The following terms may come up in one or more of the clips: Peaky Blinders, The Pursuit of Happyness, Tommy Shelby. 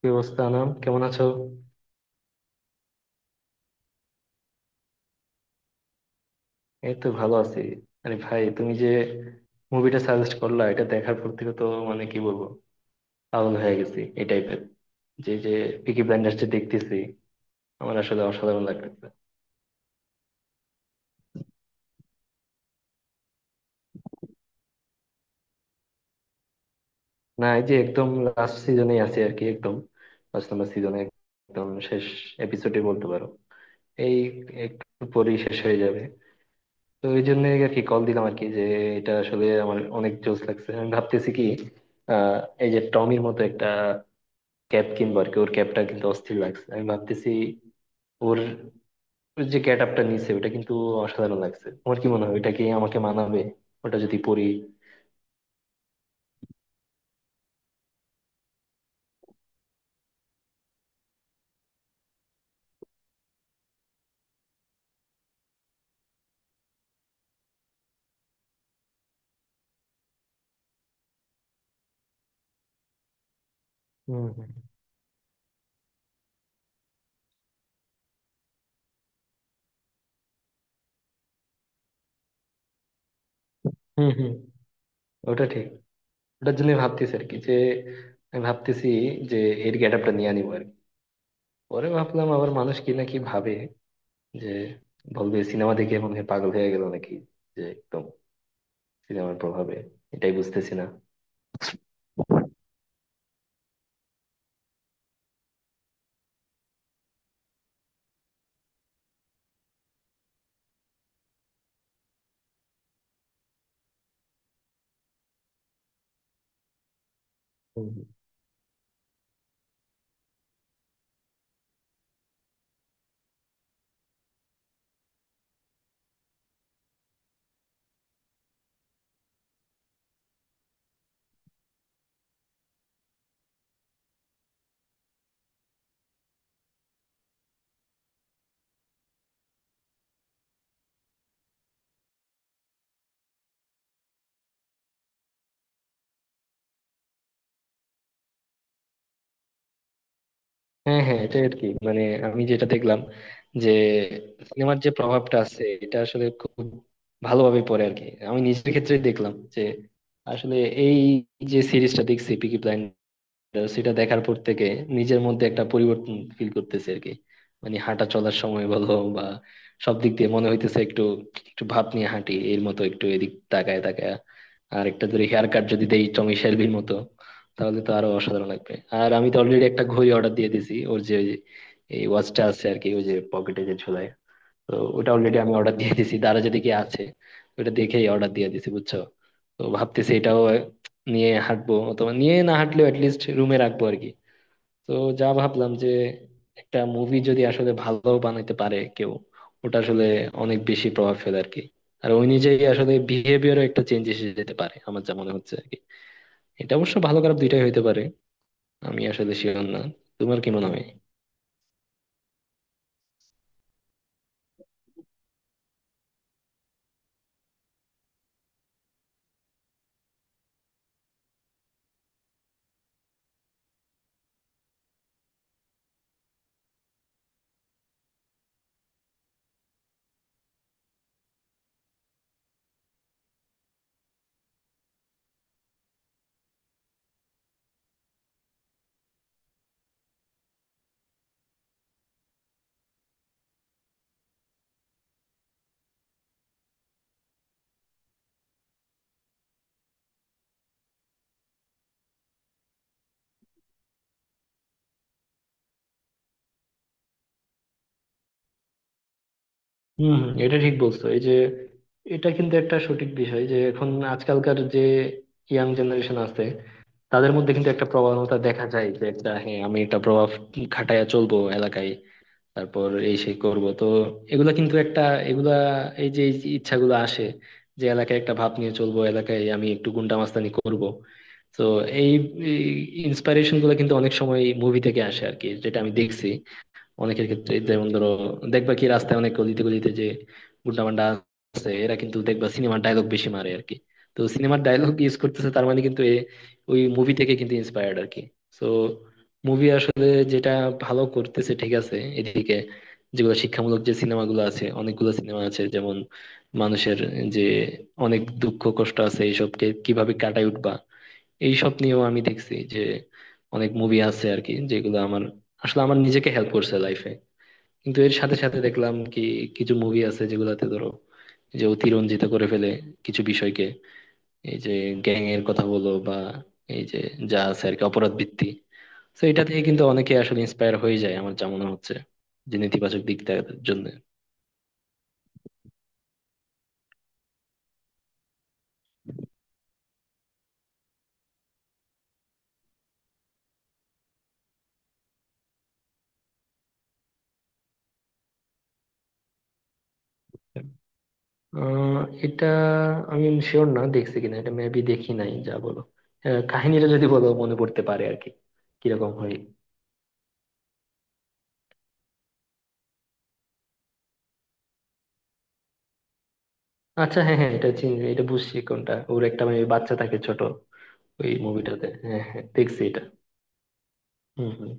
কি অবস্থা আনাম, কেমন আছো? এই তো ভালো আছি। আরে ভাই, তুমি যে মুভিটা সাজেস্ট করলা, এটা দেখার পর থেকে তো মানে কি বলবো, পাগল হয়ে গেছি এই টাইপের, যে যে পিকি ব্লাইন্ডার্স যে দেখতেছি আমার আসলে অসাধারণ লাগতেছে। না, এই যে একদম লাস্ট সিজনে আছে আর কি, একদম লাস্ট নাম্বার সিজনে, একদম শেষ এপিসোডে বলতে পারো। এই একটু পরেই শেষ হয়ে যাবে। তো এই জন্য আর কি কল দিলাম আর কি, যে এটা আসলে আমার অনেক জোশ লাগছে। আমি ভাবতেছি কি, আহ এই যে টমির মতো একটা ক্যাপ কিনবো আর কি। ওর ক্যাপটা কিন্তু অস্থির লাগছে, আমি ভাবতেছি ওর ওর যে গেট আপটা নিছে ওটা কিন্তু অসাধারণ লাগছে। তোমার কি মনে হয়, ওইটা কি আমাকে মানাবে ওটা যদি পরি? হুম হুম। হুম হুম, ওটা ঠিক। ওটার জন্য ভাবতেছি আর কি, যে আমি ভাবতেছি যে এর গেট আপটা নিয়ে আনিবো আর কি। পরে ভাবলাম আবার মানুষ কি নাকি ভাবে, যে বলবে সিনেমা দেখে মনে হয় পাগল হয়ে গেল নাকি, যে একদম সিনেমার প্রভাবে। এটাই বুঝতেছি না। হুম। হ্যাঁ হ্যাঁ, এটা আর কি। মানে আমি যেটা দেখলাম, যে সিনেমার যে প্রভাবটা আছে এটা আসলে খুব ভালোভাবে পড়ে আর কি। আমি নিজের ক্ষেত্রে দেখলাম যে আসলে এই যে সিরিজটা দেখছি পিকি, তো সেটা দেখার পর থেকে নিজের মধ্যে একটা পরিবর্তন ফিল করতেছি আর কি। মানে হাঁটা চলার সময় বলো বা, সব দিক দিয়ে মনে হইতেছে একটু একটু ভাব নিয়ে হাঁটি, এর মতো একটু এদিক তাকায় তাকায়। আর একটা ধরে হেয়ার কাট যদি দেই টমি শেলবির মতো, তাহলে তো আরো অসাধারণ লাগবে। আর আমি তো অলরেডি একটা ঘড়ি অর্ডার দিয়ে দিয়েছি, ওর যে ওই- এই ওয়াচটা আছে আর কি, ওই যে পকেটে যে ঝোলায়। তো ওটা অলরেডি আমি অর্ডার দিয়ে দিছি, দারা যদি কি আছে, ওটা দেখেই অর্ডার দিয়ে দিছি, বুঝছো। তো ভাবতেছি এটাও নিয়ে হাঁটবো, অথবা নিয়ে না হাঁটলেও লিস্ট রুমে রাখবো আর কি। তো যা ভাবলাম, যে একটা মুভি যদি আসলে ভালো বানাইতে পারে কেউ, ওটা আসলে অনেক বেশি প্রভাব ফেলে আর কি। আর ওই নিজেই আসলে বিহেভিয়ারও একটা চেঞ্জ এসে যেতে পারে, আমার যা মনে হচ্ছে আর কি। এটা অবশ্য ভালো খারাপ দুইটাই হইতে পারে, আমি আসলে শিওর না। তোমার কি মনে হয়? হম হম, এটা ঠিক বলছো। এই যে এটা কিন্তু একটা সঠিক বিষয়, যে এখন আজকালকার যে ইয়াং জেনারেশন আছে তাদের মধ্যে কিন্তু একটা প্রবণতা দেখা যায়, যে একটা হ্যাঁ আমি এটা প্রভাব খাটাইয়া চলবো এলাকায়, তারপর এই সেই করব। তো এগুলা কিন্তু একটা এগুলা এই যে ইচ্ছাগুলো আসে, যে এলাকায় একটা ভাব নিয়ে চলবো, এলাকায় আমি একটু গুন্ডা মাস্তানি করব। তো এই ইন্সপাইরেশন গুলো কিন্তু অনেক সময় মুভি থেকে আসে আর কি, যেটা আমি দেখছি অনেকের ক্ষেত্রে। যেমন ধরো, দেখবা কি রাস্তায় অনেক গলিতে গলিতে যে গুন্ডা মান্ডা আছে, এরা কিন্তু দেখবা সিনেমার ডায়লগ বেশি মারে আর কি। তো সিনেমার ডায়লগ ইউজ করতেছে, তার মানে কিন্তু এ ওই মুভি থেকে কিন্তু ইন্সপায়ার্ড আর কি। তো মুভি আসলে যেটা ভালো করতেছে ঠিক আছে এদিকে, যেগুলো শিক্ষামূলক যে সিনেমাগুলো আছে, অনেকগুলো সিনেমা আছে যেমন মানুষের যে অনেক দুঃখ কষ্ট আছে এইসবকে কিভাবে কাটায় উঠবা, এইসব নিয়েও আমি দেখছি যে অনেক মুভি আছে আর কি, যেগুলো আমার আসলে আমার নিজেকে হেল্প করছে লাইফে। কিন্তু এর সাথে সাথে দেখলাম কি, কিছু মুভি আছে যেগুলাতে ধরো এই যে অতিরঞ্জিত করে ফেলে কিছু বিষয়কে, এই যে গ্যাং এর কথা বলো বা এই যে যা আছে আর কি অপরাধ ভিত্তি। তো এটা থেকে কিন্তু অনেকে আসলে ইন্সপায়ার হয়ে যায়, আমার যা মনে হচ্ছে, যে নেতিবাচক দিকটার জন্য। আহ এটা আমি শিওর না দেখছি কিনা, এটা মেবি দেখি নাই, যা বলো। কাহিনীটা যদি বলো মনে পড়তে পারে আর কি, কিরকম হয়। আচ্ছা হ্যাঁ হ্যাঁ, এটা চিনি, এটা বুঝছি কোনটা। ওর একটা মানে বাচ্চা থাকে ছোট ওই মুভিটাতে। হ্যাঁ হ্যাঁ, দেখছি এটা। হম হম,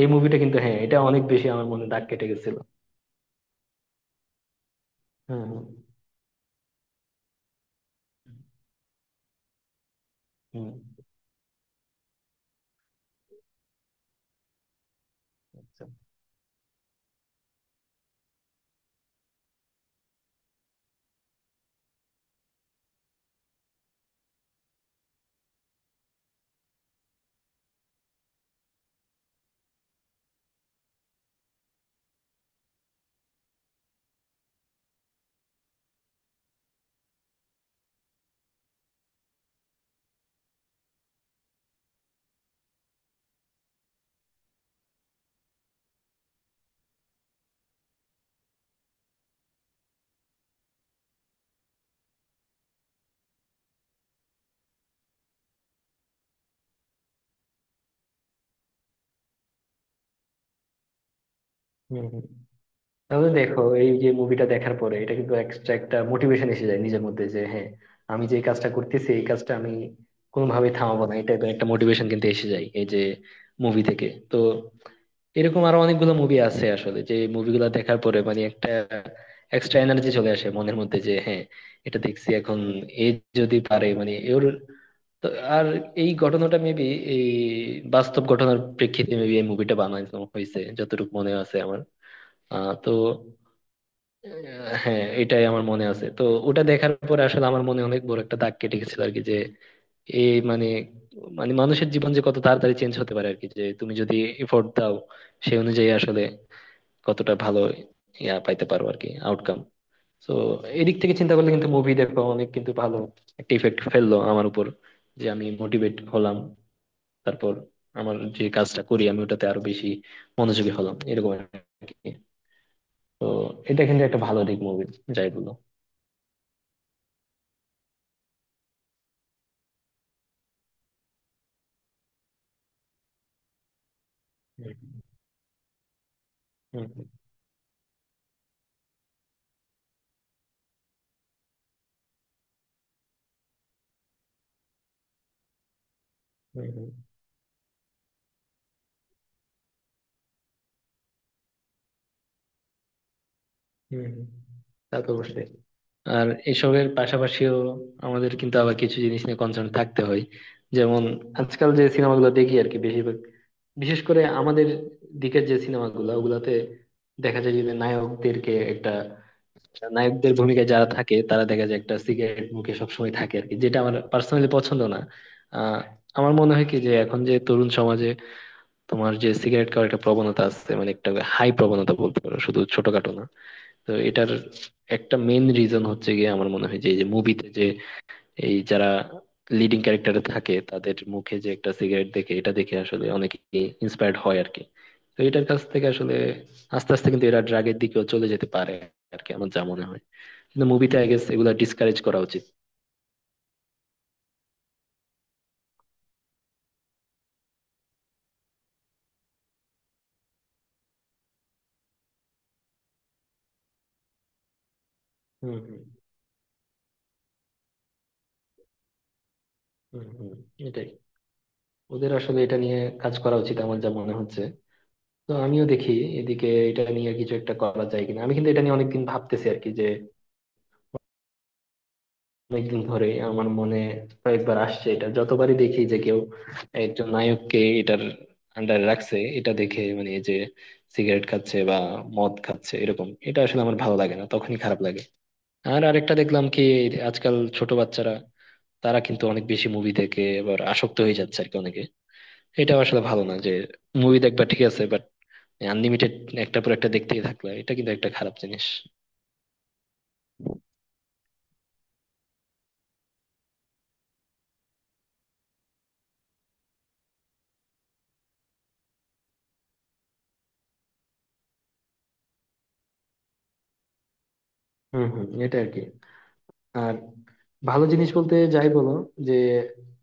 এই মুভিটা কিন্তু, হ্যাঁ এটা অনেক বেশি আমার মনে দাগ কেটে গেছিল। হম হম হম। আচ্ছা। হম হম। তাহলে দেখো, এই যে মুভিটা দেখার পরে এটা কিন্তু এক্সট্রা একটা মোটিভেশন এসে যায় নিজের মধ্যে, যে হ্যাঁ আমি যে এই কাজটা করতেছি, এই কাজটা আমি কোনোভাবেই থামাবো না। এটা একটা মোটিভেশন কিন্তু এসে যায় এই যে মুভি থেকে। তো এরকম আরো অনেকগুলো মুভি আছে আসলে, যে মুভিগুলো দেখার পরে মানে একটা এক্সট্রা এনার্জি চলে আসে মনের মধ্যে, যে হ্যাঁ এটা দেখছি এখন এ যদি পারে মানে ওর। তো আর এই ঘটনাটা মেবি এই বাস্তব ঘটনার প্রেক্ষিতে মেবি এই মুভিটা বানানো হয়েছে, যতটুকু মনে আছে আমার। তো হ্যাঁ এটাই আমার মনে আছে। তো ওটা দেখার পরে আসলে আমার মনে অনেক বড় একটা দাগ কেটে গেছিল আর কি, যে এই মানে মানে মানুষের জীবন যে কত তাড়াতাড়ি চেঞ্জ হতে পারে আর কি, যে তুমি যদি এফোর্ট দাও সেই অনুযায়ী আসলে কতটা ভালো ইয়া পাইতে পারো আর কি, আউটকাম। তো এদিক থেকে চিন্তা করলে কিন্তু মুভি দেখো অনেক কিন্তু ভালো একটা ইফেক্ট ফেললো আমার উপর, যে আমি মোটিভেট হলাম। তারপর আমার যে কাজটা করি আমি ওটাতে আরো বেশি মনোযোগী হলাম, এরকম আর কি। তো এটা কিন্তু একটা ভালো দিক মুভি যাই বলো। হুম, হুম, হুম, হুম, হুম, হুম। তা তো অবশ্যই। আর এসবের পাশাপাশিও আমাদের কিন্তু আবার কিছু জিনিস নিয়ে কনসার্ন থাকতে হয়। যেমন আজকাল যে সিনেমাগুলো দেখি আর কি, বেশিরভাগ, বিশেষ করে আমাদের দিকের যে সিনেমাগুলো ওগুলাতে দেখা যায় যে নায়কদের ভূমিকায় যারা থাকে তারা দেখা যায় একটা সিগারেট মুখে সবসময় থাকে আর কি, যেটা আমার পার্সোনালি পছন্দ না। আহ আমার মনে হয় কি, যে এখন যে তরুণ সমাজে তোমার যে সিগারেট খাওয়ার একটা প্রবণতা আছে, মানে একটা হাই প্রবণতা বলতে পারো, শুধু ছোটখাটো না। তো এটার একটা মেন রিজন হচ্ছে গিয়ে আমার মনে হয় যে এই যে মুভিতে যে এই যারা লিডিং ক্যারেক্টারে থাকে তাদের মুখে যে একটা সিগারেট দেখে, এটা দেখে আসলে অনেকে ইন্সপায়ার্ড হয় আর কি। তো এটার কাছ থেকে আসলে আস্তে আস্তে কিন্তু এরা ড্রাগের দিকেও চলে যেতে পারে আর কি, আমার যা মনে হয়। কিন্তু মুভিতে আই গেস এগুলা ডিসকারেজ করা উচিত। হুম হুম। হুম হুম, এটাই। ওদের আসলে এটা নিয়ে কাজ করা উচিত, আমার যা মনে হচ্ছে। তো আমিও দেখি এদিকে এটা নিয়ে কিছু একটা করা যায় কিনা। আমি কিন্তু এটা নিয়ে অনেকদিন ভাবতেছি আর কি, যে অনেকদিন ধরে আমার মনে কয়েকবার আসছে এটা, যতবারই দেখি যে কেউ একজন নায়ককে এটার আন্ডারে রাখছে, এটা দেখে মানে এই যে সিগারেট খাচ্ছে বা মদ খাচ্ছে এরকম, এটা আসলে আমার ভালো লাগে না, তখনই খারাপ লাগে। আর আরেকটা দেখলাম কি, আজকাল ছোট বাচ্চারা তারা কিন্তু অনেক বেশি মুভি দেখে এবার আসক্ত হয়ে যাচ্ছে আর কি অনেকে। এটা আসলে ভালো না, যে মুভি দেখবা ঠিক আছে বাট আনলিমিটেড একটা পর একটা দেখতেই থাকলা, এটা কিন্তু একটা খারাপ জিনিস। হম হম, এটা আর কি। আর ভালো জিনিস বলতে যাই বলো, যে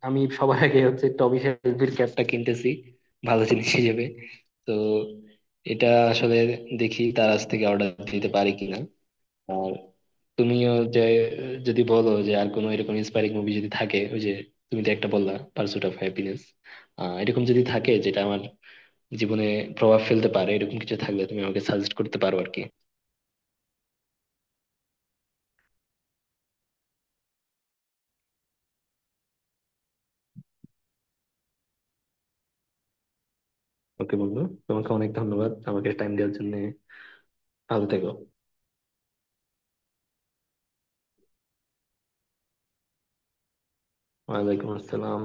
আমি সবার আগে হচ্ছে টমি শেলবির ক্যাপটা কিনতেছি ভালো জিনিস হিসেবে। তো এটা আসলে দেখি তার কাছ থেকে অর্ডার দিতে পারি কিনা। আর তুমিও যে যদি বলো যে আর কোনো এরকম ইন্সপায়ারিং মুভি যদি থাকে, ওই যে তুমি তো একটা বললা পার্সুট অফ হ্যাপিনেস, এরকম যদি থাকে যেটা আমার জীবনে প্রভাব ফেলতে পারে, এরকম কিছু থাকলে তুমি আমাকে সাজেস্ট করতে পারো আর কি। ওকে বন্ধু, তোমাকে অনেক ধন্যবাদ আমাকে টাইম দেওয়ার জন্য। ভালো থেকো। ওয়ালাইকুম আসসালাম।